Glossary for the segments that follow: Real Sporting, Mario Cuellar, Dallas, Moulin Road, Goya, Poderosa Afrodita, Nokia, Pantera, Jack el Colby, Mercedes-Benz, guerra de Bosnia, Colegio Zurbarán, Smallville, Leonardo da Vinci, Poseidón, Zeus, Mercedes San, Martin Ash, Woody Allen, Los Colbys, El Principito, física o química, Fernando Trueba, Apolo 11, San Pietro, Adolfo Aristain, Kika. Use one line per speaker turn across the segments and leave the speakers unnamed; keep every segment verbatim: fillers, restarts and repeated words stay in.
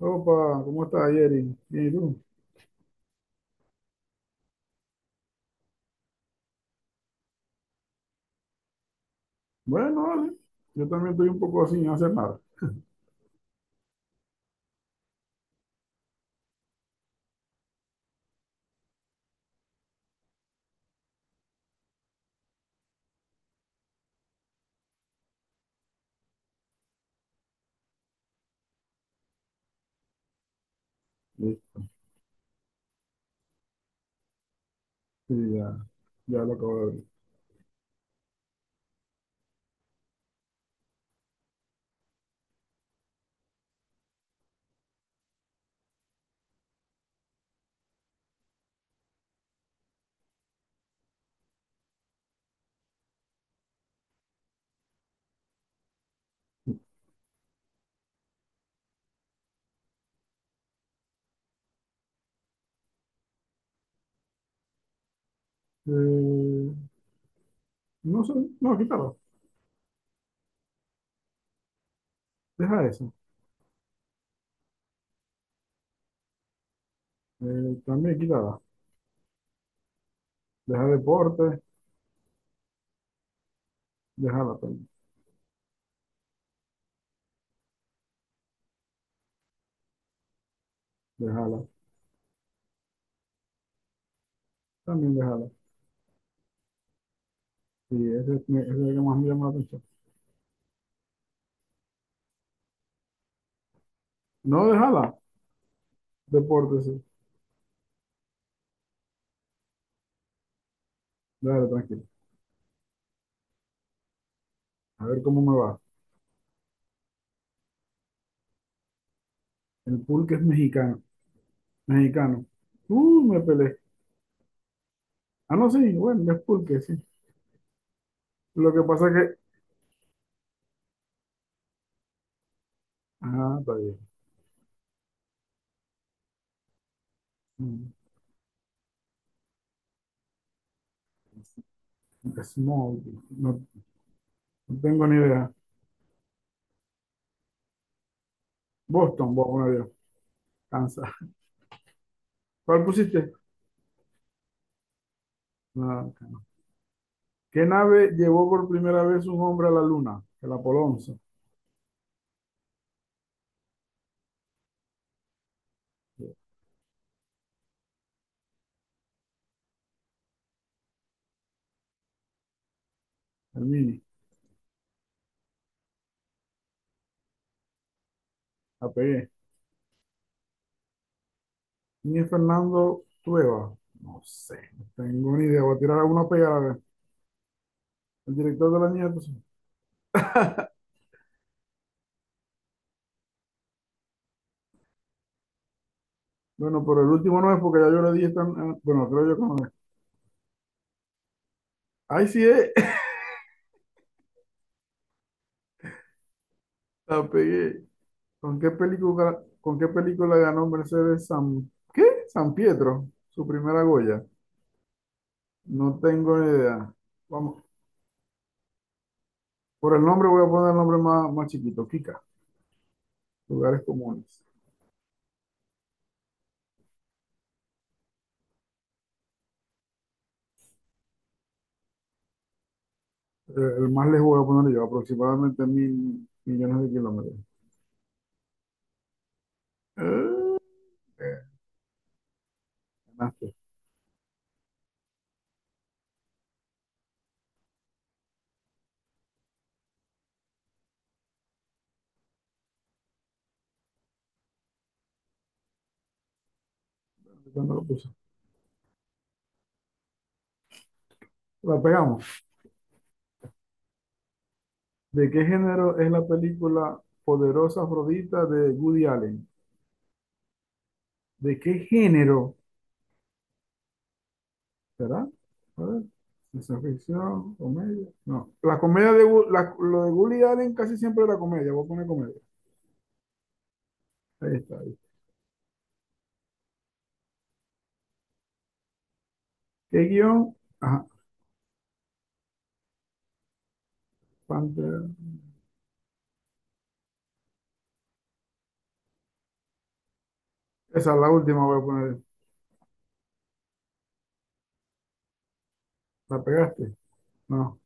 Opa, ¿cómo estás, Jerry? Bien, ¿y tú? Bueno, vale. Yo también estoy un poco sin hacer nada. Sí, sí, ya, ya lo acabo de ver. Eh, no sé, no, quítala. Deja eso. Eh, también quítala. Deja deporte, déjala también. Déjala, también déjala. Sí, ese me- ese es el que más me llama la atención. No, déjala. Deporte, sí. Dale, tranquilo. A ver cómo me va. El pulque es mexicano. Mexicano. Uh, me peleé. Ah, no, sí, bueno, es pulque, sí. Lo que pasa es que. Ah, está bien. Mm. Smallville. No no tengo ni idea. Boston, voy a Kansas. ¿Cuál pusiste? No. ¿Qué nave llevó por primera vez un hombre a la luna? El Apolo once. El Mini. La pegué. Ni Fernando Trueba. No sé. No tengo ni idea. Voy a tirar a uno a pegar a ver. El director de la niña, pues. Bueno, pero el último no es porque ya yo le di esta. eh, Bueno, creo yo que no es. Ahí sí es. La pegué. ¿Con qué película, con qué película ganó Mercedes San? ¿Qué? San Pietro. Su primera Goya. No tengo ni idea. Vamos, por el nombre voy a poner el nombre más, más chiquito, Kika, lugares comunes. Eh, El, más lejos voy a poner yo, aproximadamente mil millones de kilómetros. Eh, Ganaste. ¿Cuándo lo puse? La pegamos. ¿De qué género es la película Poderosa Afrodita de Woody Allen? ¿De qué género? ¿Será? A ver, ¿ciencia ficción? ¿Comedia? No. La comedia de, Wo- la- lo de Woody Allen casi siempre era comedia. Voy a poner comedia. Ahí está, ahí. ¿Qué guión? Ajá. Pantera. Esa es la última, voy a poner. ¿La pegaste? No.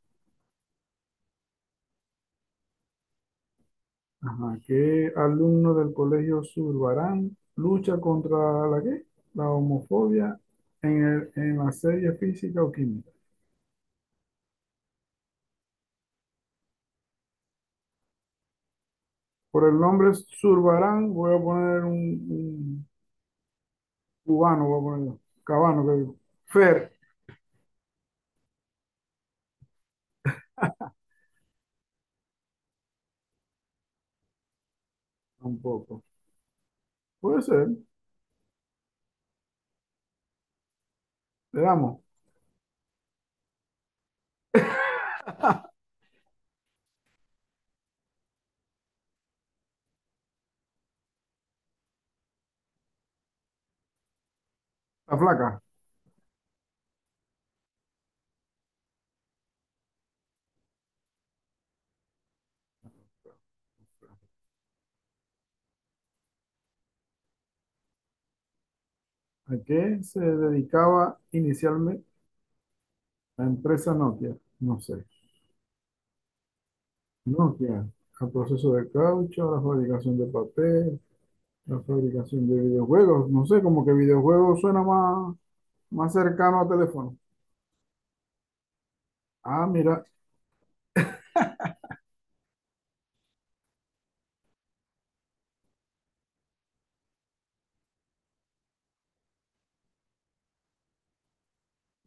Ajá. ¿Qué alumno del Colegio Zurbarán lucha contra la qué? La homofobia en, el- en la serie física o química. Por el nombre Zurbarán voy a poner un, un cubano, voy a poner yo. Cabano, que digo. Fer, tampoco. Puede ser, le damos. La flaca. ¿A qué se dedicaba inicialmente la empresa Nokia? No sé. Nokia, al proceso de caucho, a la fabricación de papel, la fabricación de videojuegos. No sé, como que videojuegos suena más, más cercano a teléfono. Ah, mira,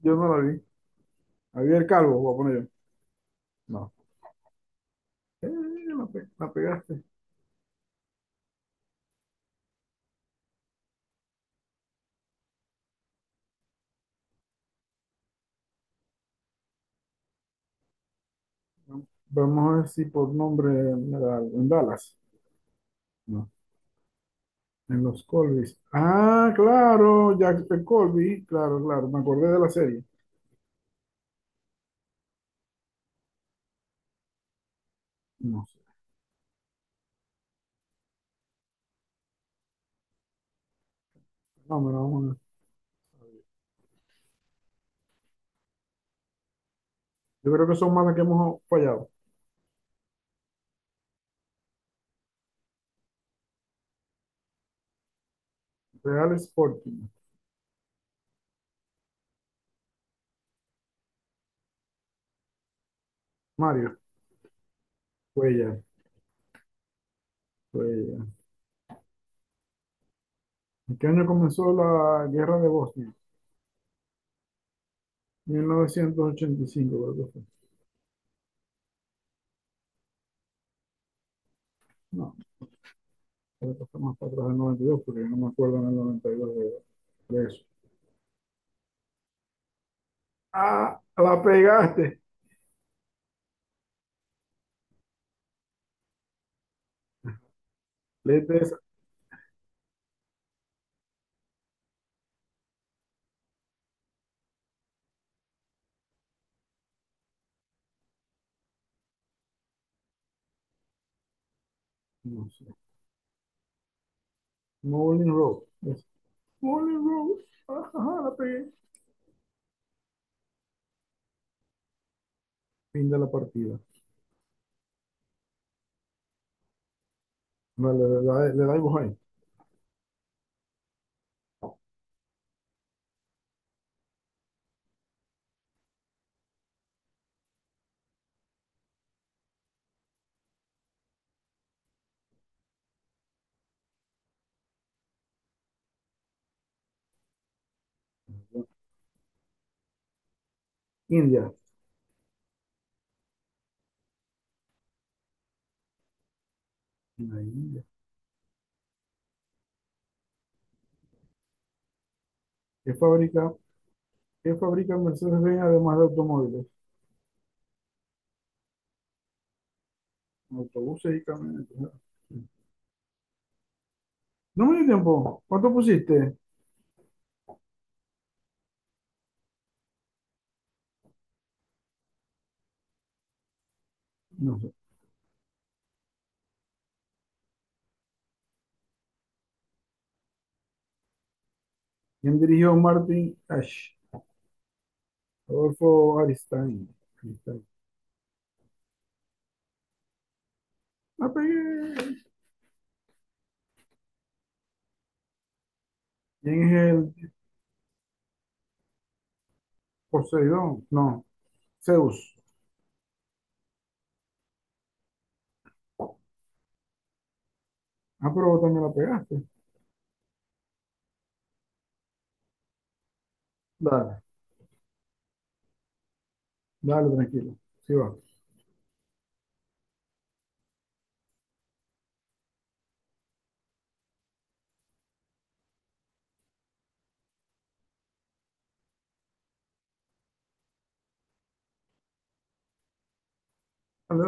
yo no la vi. Había el calvo, voy a poner yo. No. Eh, la, pe- la pegaste. Vamos a ver si por nombre me la- en Dallas. No. En los Colbys. Ah, claro, Jack el Colby. Claro, claro. Me acordé de la serie. No sé. No, me la vamos a ver. Yo creo que son más las que hemos fallado. Real Sporting. Mario. Cuellar. Fue ella. ¿En qué año comenzó la guerra de Bosnia? mil novecientos ochenta y cinco, creo que fue. No, creo que fue más para atrás del noventa y dos, porque no me acuerdo en el noventa y dos de, de eso. Ah, la pegaste. Letra esa. No sé. Moulin Road. Es Moulin Road. Ajá, la pegué. Fin de la partida. Vale, le, da- le damos ahí. India. La India. ¿Qué fabrica, qué fabrica Mercedes-Benz además de automóviles? Autobuses y camionetas. No me dio tiempo. ¿Cuánto pusiste? No. ¿Quién dirigió Martin Ash? Adolfo Aristain. Aristain. La pegué. ¿Quién es el Poseidón? No, Zeus. Ah, pero vos también la pegaste. Dale, dale, tranquilo. Sí va. Dale,